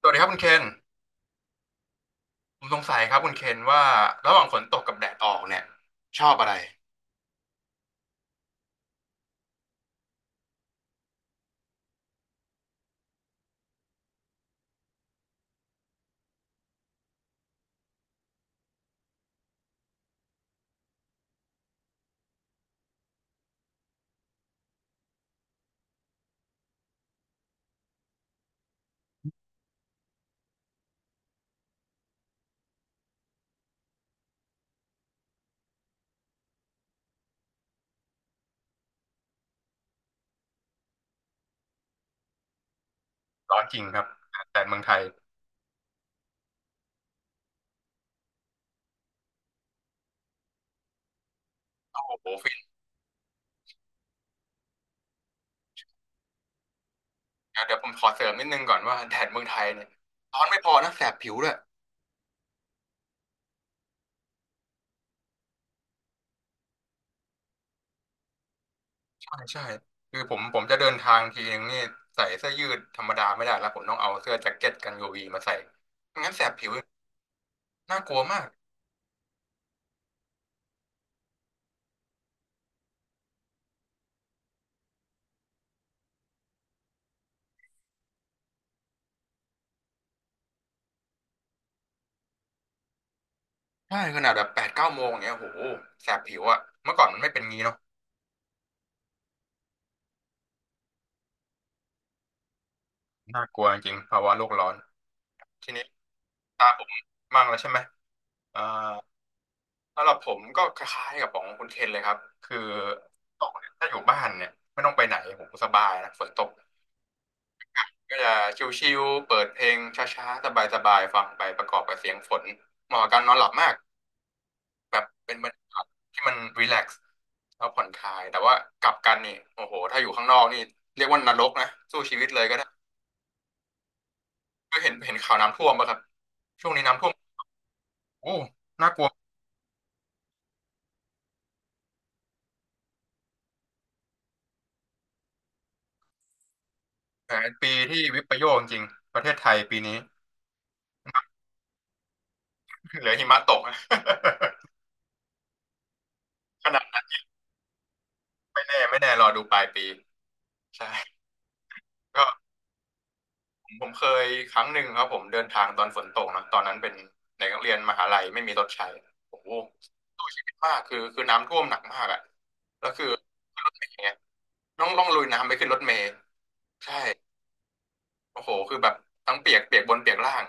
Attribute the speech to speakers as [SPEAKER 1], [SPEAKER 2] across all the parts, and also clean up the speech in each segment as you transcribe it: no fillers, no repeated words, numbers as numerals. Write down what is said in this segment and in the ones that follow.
[SPEAKER 1] สวัสดีครับคุณเคนผมสงสัยครับคุณเคนว่าระหว่างฝนตกกับแดดออกเนี่ยชอบอะไรร้อนจริงครับแดดเมืองไทยโอ้โหฟินนะเดี๋ยวผมขอเสริมนิดนึงก่อนว่าแดดเมืองไทยเนี่ยร้อนไม่พอนะแสบผิวด้วยใช่ใช่คือผมจะเดินทางทีนึงนี่ใส่เสื้อยืดธรรมดาไม่ได้แล้วผมต้องเอาเสื้อแจ็คเก็ตกันยูวีมาใส่ไม่งั้นแสบผิวน่ากลัวมากใช่ขนาดแบบแปดเก้าโมงเนี่ยโอ้โหแสบผิวอะเมื่อก่อนมันไม่เป็นงี้เนาะน่ากลัวจริงภาวะโลกร้อนทีนี้ตาผมมั่งแล้วใช่ไหมอ่า สำหรับผมก็คล้ายๆกับของคุณเคนเลยครับคือตกเนี่ยถ้าอยู่บ้านเนี่ยไม่ต้องไปไหนผมสบายนะฝนตกก็จะชิลๆเปิดเพลงช้าๆสบายๆฟังไปประกอบกับเสียงฝนเหมาะกับการนอนหลับมากแบบเป็นบรรยากาศที่มันรีแลกซ์แล้วผ่อนคลายแต่ว่ากลับกันนี่โอ้โหถ้าอยู่ข้างนอกนี่เรียกว่านรกนะสู้ชีวิตเลยก็ได้ก็เห็นเห็นข่าวน้ำท่วมป่ะครับช่วงนี้น้ำท่วมโอ้น่ากลัวแหมปีที่วิปโยคจริงๆประเทศไทยปีนี้ เหลือหิมะตกนะ ข ไม่แน่ไม่แน่รอดูปลายปีใช่ก็ผมเคยครั้งหนึ่งครับผมเดินทางตอนฝนตกนะตอนนั้นเป็นเด็กนักเรียนมหาลัยไม่มีรถใช้โอ้โหสู้ชีวิตมากคือน้ำท่วมหนักมากอ่ะแล้วคือขึ้นรถเมล์ไงต้องลุยน้ำไปขึ้นรถเมล์ใช่โอ้โหคือแบบทั้งเปียกเปียกบนเปียกล่าง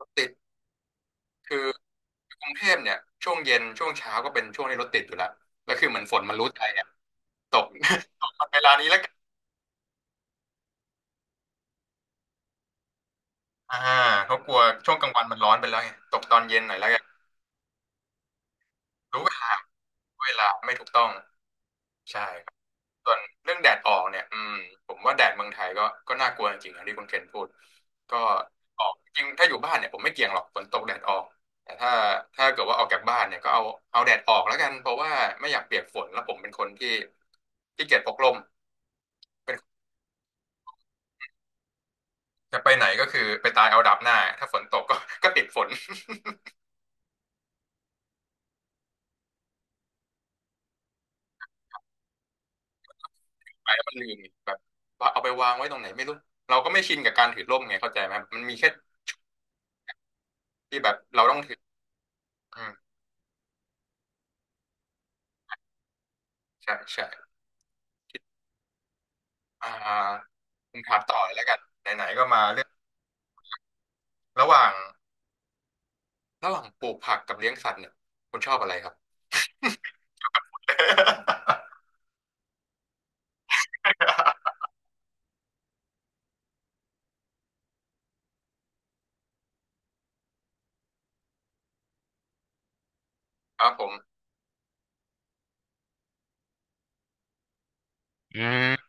[SPEAKER 1] รถติดคือกรุงเทพเนี่ยช่วงเย็นช่วงเช้าก็เป็นช่วงที่รถติดอยู่แล้วแล้วคือเหมือนฝนมันรู้ใจอ่ะตก ตกมาเวลานี้แล้วกันอ่าเขากลัวช่วงกลางวันมันร้อนไปแล้วไงตกตอนเย็นหน่อยแล้วกัน รู้เวลาเวลาไม่ถูกต้องใช่ครับส่วนเรื่องแดดออกเนี่ยอืมผมว่าแดดเมืองไทยก็น่ากลัวจริงๆนะที่คุณเคนพูดก็ออกจริงถ้าอยู่บ้านเนี่ยผมไม่เกี่ยงหรอกฝนตกแดดออกแต่ถ้าถ้าเกิดว่าออกจากบ้านเนี่ยก็เอาเอาแดดออกแล้วกันเพราะว่าไม่อยากเปียกฝนแล้วผมเป็นคนที่ที่เกียจพกร่มเป็นจะไปไหนก็คือไปตายเอาดับหน้าถ้าฝนตกก็ก็ติดฝน ไปแล้วมันลืมแบบว่าเอาไปวางไว้ตรงไหนไม่รู้เราก็ไม่ชินกับการถือร่มไงเข้าใจไหมมันมีแค่ที่แบบเราต้องถือ ใช่ใช่ที่อ่าคุณถามต่อเลยแล้วกันไหนๆก็มาเรื่องระหว่างระหว่างปลูกผักกับเลี้ยงสัตว์เนี่ยคุณชอบอะไรครับ ครับผมอืม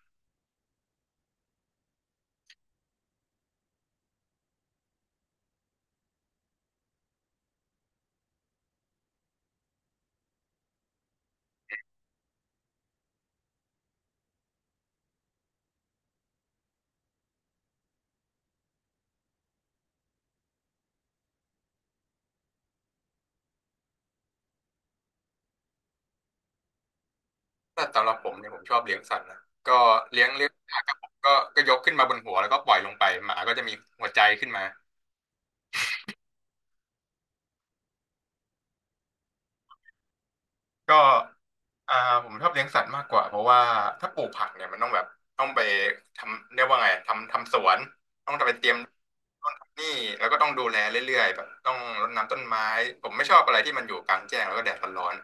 [SPEAKER 1] ถ้าสำหรับผมเนี่ยผมชอบเลี้ยงสัตว์นะก็เลี้ยงหมากระผมก็ยกขึ้นมาบนหัวแล้วก็ปล่อยลงไปหมาก็จะมีหัวใจขึ้นมา ก็อ่าผมชอบเลี้ยงสัตว์มากกว่าเพราะว่าถ้าปลูกผักเนี่ยมันต้องแบบต้องไปทำเรียกว่าไงทำสวนต้องไปเตรียมต้นทำนี่แล้วก็ต้องดูแลเรื่อยๆแบบต้องรดน้ำต้นไม้ผมไม่ชอบอะไรที่มันอยู่กลางแจ้งแล้วก็แดดร้อน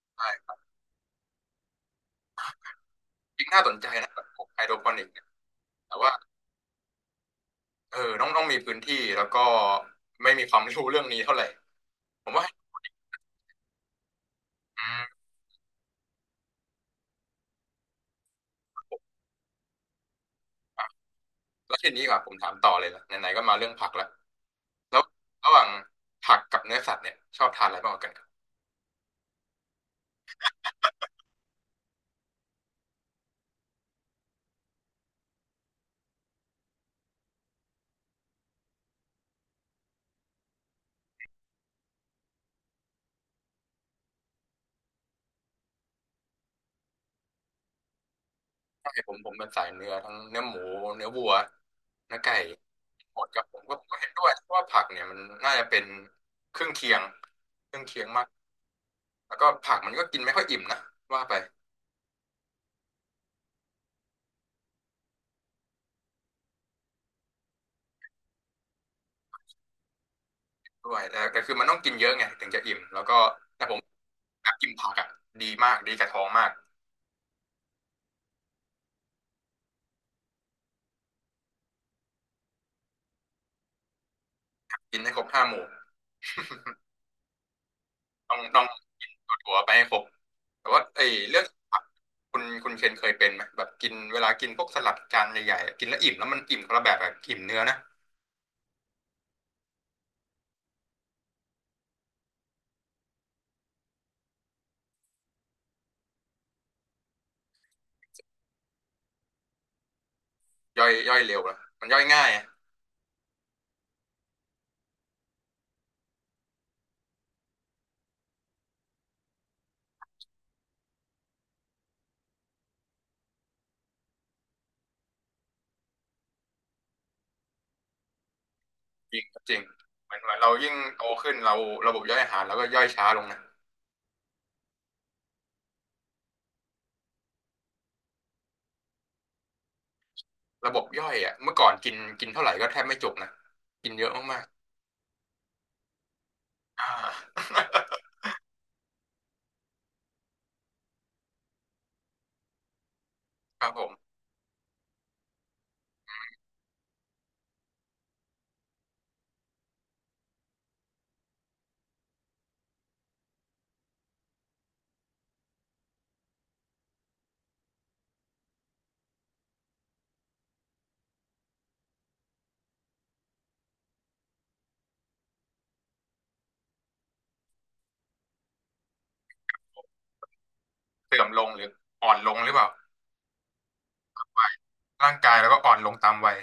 [SPEAKER 1] ๆใช่ครับจริงน่าสนใจนะแบบปลูกไฮโดรโปนิกเนี่ยแต่ว่าเออต้องมีพื้นที่แล้วก็ไม่มีความรู้เรื่องนี้เท่าไหร่ผมว่าอืมแล้วทีนี้ดีกว่าผมถามต่อเลยละไหนๆก็มาเรื่องผักแล้วแล้วระหว่างผักกับเนื้อสัตว์เนี่ยชอบทานอะไรมากกว่ากัน ใช่ผมเป็นสายเนื้อทั้งเนื้อหมูเนื้อวัวเนื้อไก่หมดกับผมก็เห็นด้วยเพราะว่าผักเนี่ยมันน่าจะเป็นเครื่องเคียงเครื่องเคียงมากแล้วก็ผักมันก็กินไม่ค่อยอิ่มนะว่าไปด้วยแต่แต่คือมันต้องกินเยอะไงถึงจะอิ่มแล้วก็แต่ผมแบบกินผักอ่ะดีมากดีกับท้องมากกินให้ครบห้าหมู่ต้องกินถั่วๆไปให้ครบแต่ว่าไอ้เรื่องผักคุณเคนเคยเป็นไหมแบบกินเวลากินพวกสลัดจานใหญ่ๆกินแล้วอิ่มแล้วมันอิ่มคนละแบบอะอิ่มเนื้อนะ ย่อยเร็วอะมันย่อยง่ายอะจริงจริงเหมือนเหมือนเรายิ่งโตขึ้นเราระบบย่อยอาหารเราก็ย่อยช้าลงนะระบบย่อยอ่ะเมื่อก่อนกินกินเท่าไหร่ก็แทบไม่จุกนะกินเยอะมากๆอ่า ครับผมเสื่อมลงหรืออ่อนลงหรือเปล่าร่างกายแล้วก็อ่อนลงตามวัย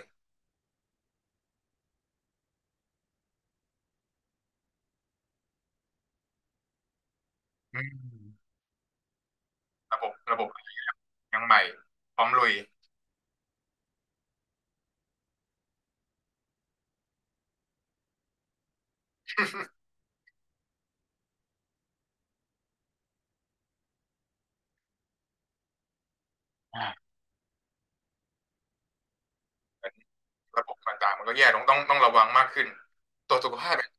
[SPEAKER 1] อืมระบบยังใหม่พร้อมลุยอ่าเหมือนระบบต่างๆมันก็แย่ลงต้องระวังมากขึ้น ตัวจสุขภาพเป็น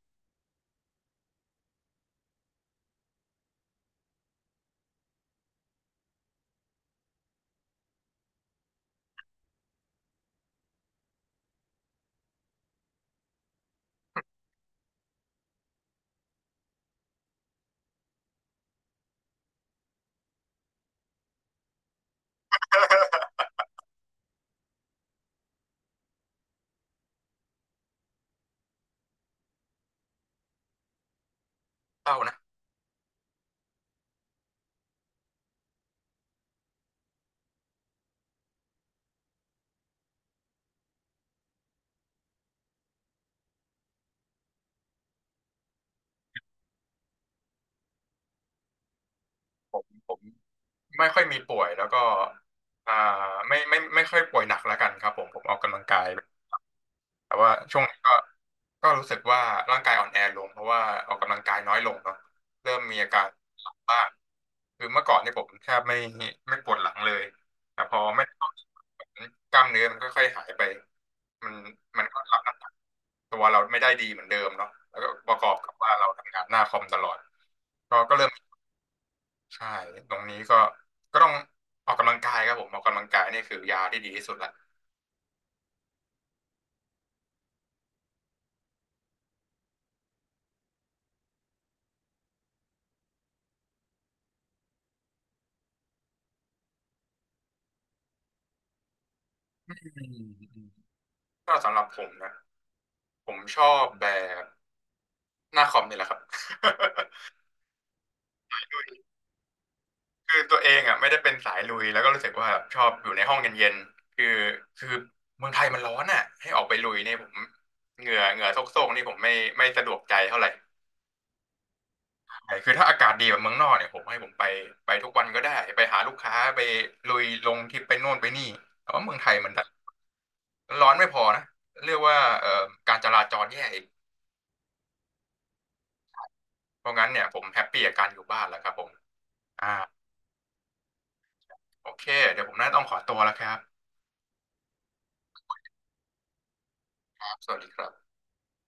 [SPEAKER 1] เศร้านะผม ไม่ค่อยมีป่วยแล้วก็อ่าไม่ค่อยป่วยหนักแล้วกันครับผมออกกำลังกายแต่ว่าช่วงนี้ก็ก็รู้สึกว่าร่างกายอ่อนแอลงเพราะว่าออกกำลังกายน้อยลงเนาะเริ่มมีอาการหลังบ้างคือเมื่อก่อนเนี่ยผมแทบไม่ปวดหลังเลยแต่พอไม่ได้ออกกล้ามเนื้อมันค่อยๆหายไปมันมันก็รับน้ำหนักตัวเราไม่ได้ดีเหมือนเดิมเนาะแล้วก็ประกอบกับว่าเราทำงานหน้าคอมตลอดก็เริ่ม ใช่ตรงนี้ก็ก็ต้องออกกำลังกายครับผมออกกำลังกายนี่คือยาที่ดีที่สุดละอืมอืมก็สำหรับผมนะผมชอบแบบหน้าคอมนี่แหละครับ คือตัวเองอ่ะไม่ได้เป็นสายลุยแล้วก็รู้สึกว่าชอบอยู่ในห้องเย็นๆคือเมืองไทยมันร้อนอ่ะให้ออกไปลุยเนี่ยผมเหงื่อโซกๆนี่ผมไม่สะดวกใจเท่าไหร่ใช่คือถ้าอากาศดีแบบเมืองนอกเนี่ยผมให้ผมไปไปทุกวันก็ได้ไปหาลูกค้าไปลุยลงที่ไปโน่นไปนี่แต่ว่าเมืองไทยมันดัน ร้อนไม่พอนะเรียกว่าการจราจรแย่อีกเพราะงั้นเนี่ยผมแฮปปี้กับการอยู่บ้านแล้วครับผมอ่าโอเคเดี๋ยวผมน่าต้องขอตัวแล้วครับสวัสดีครับ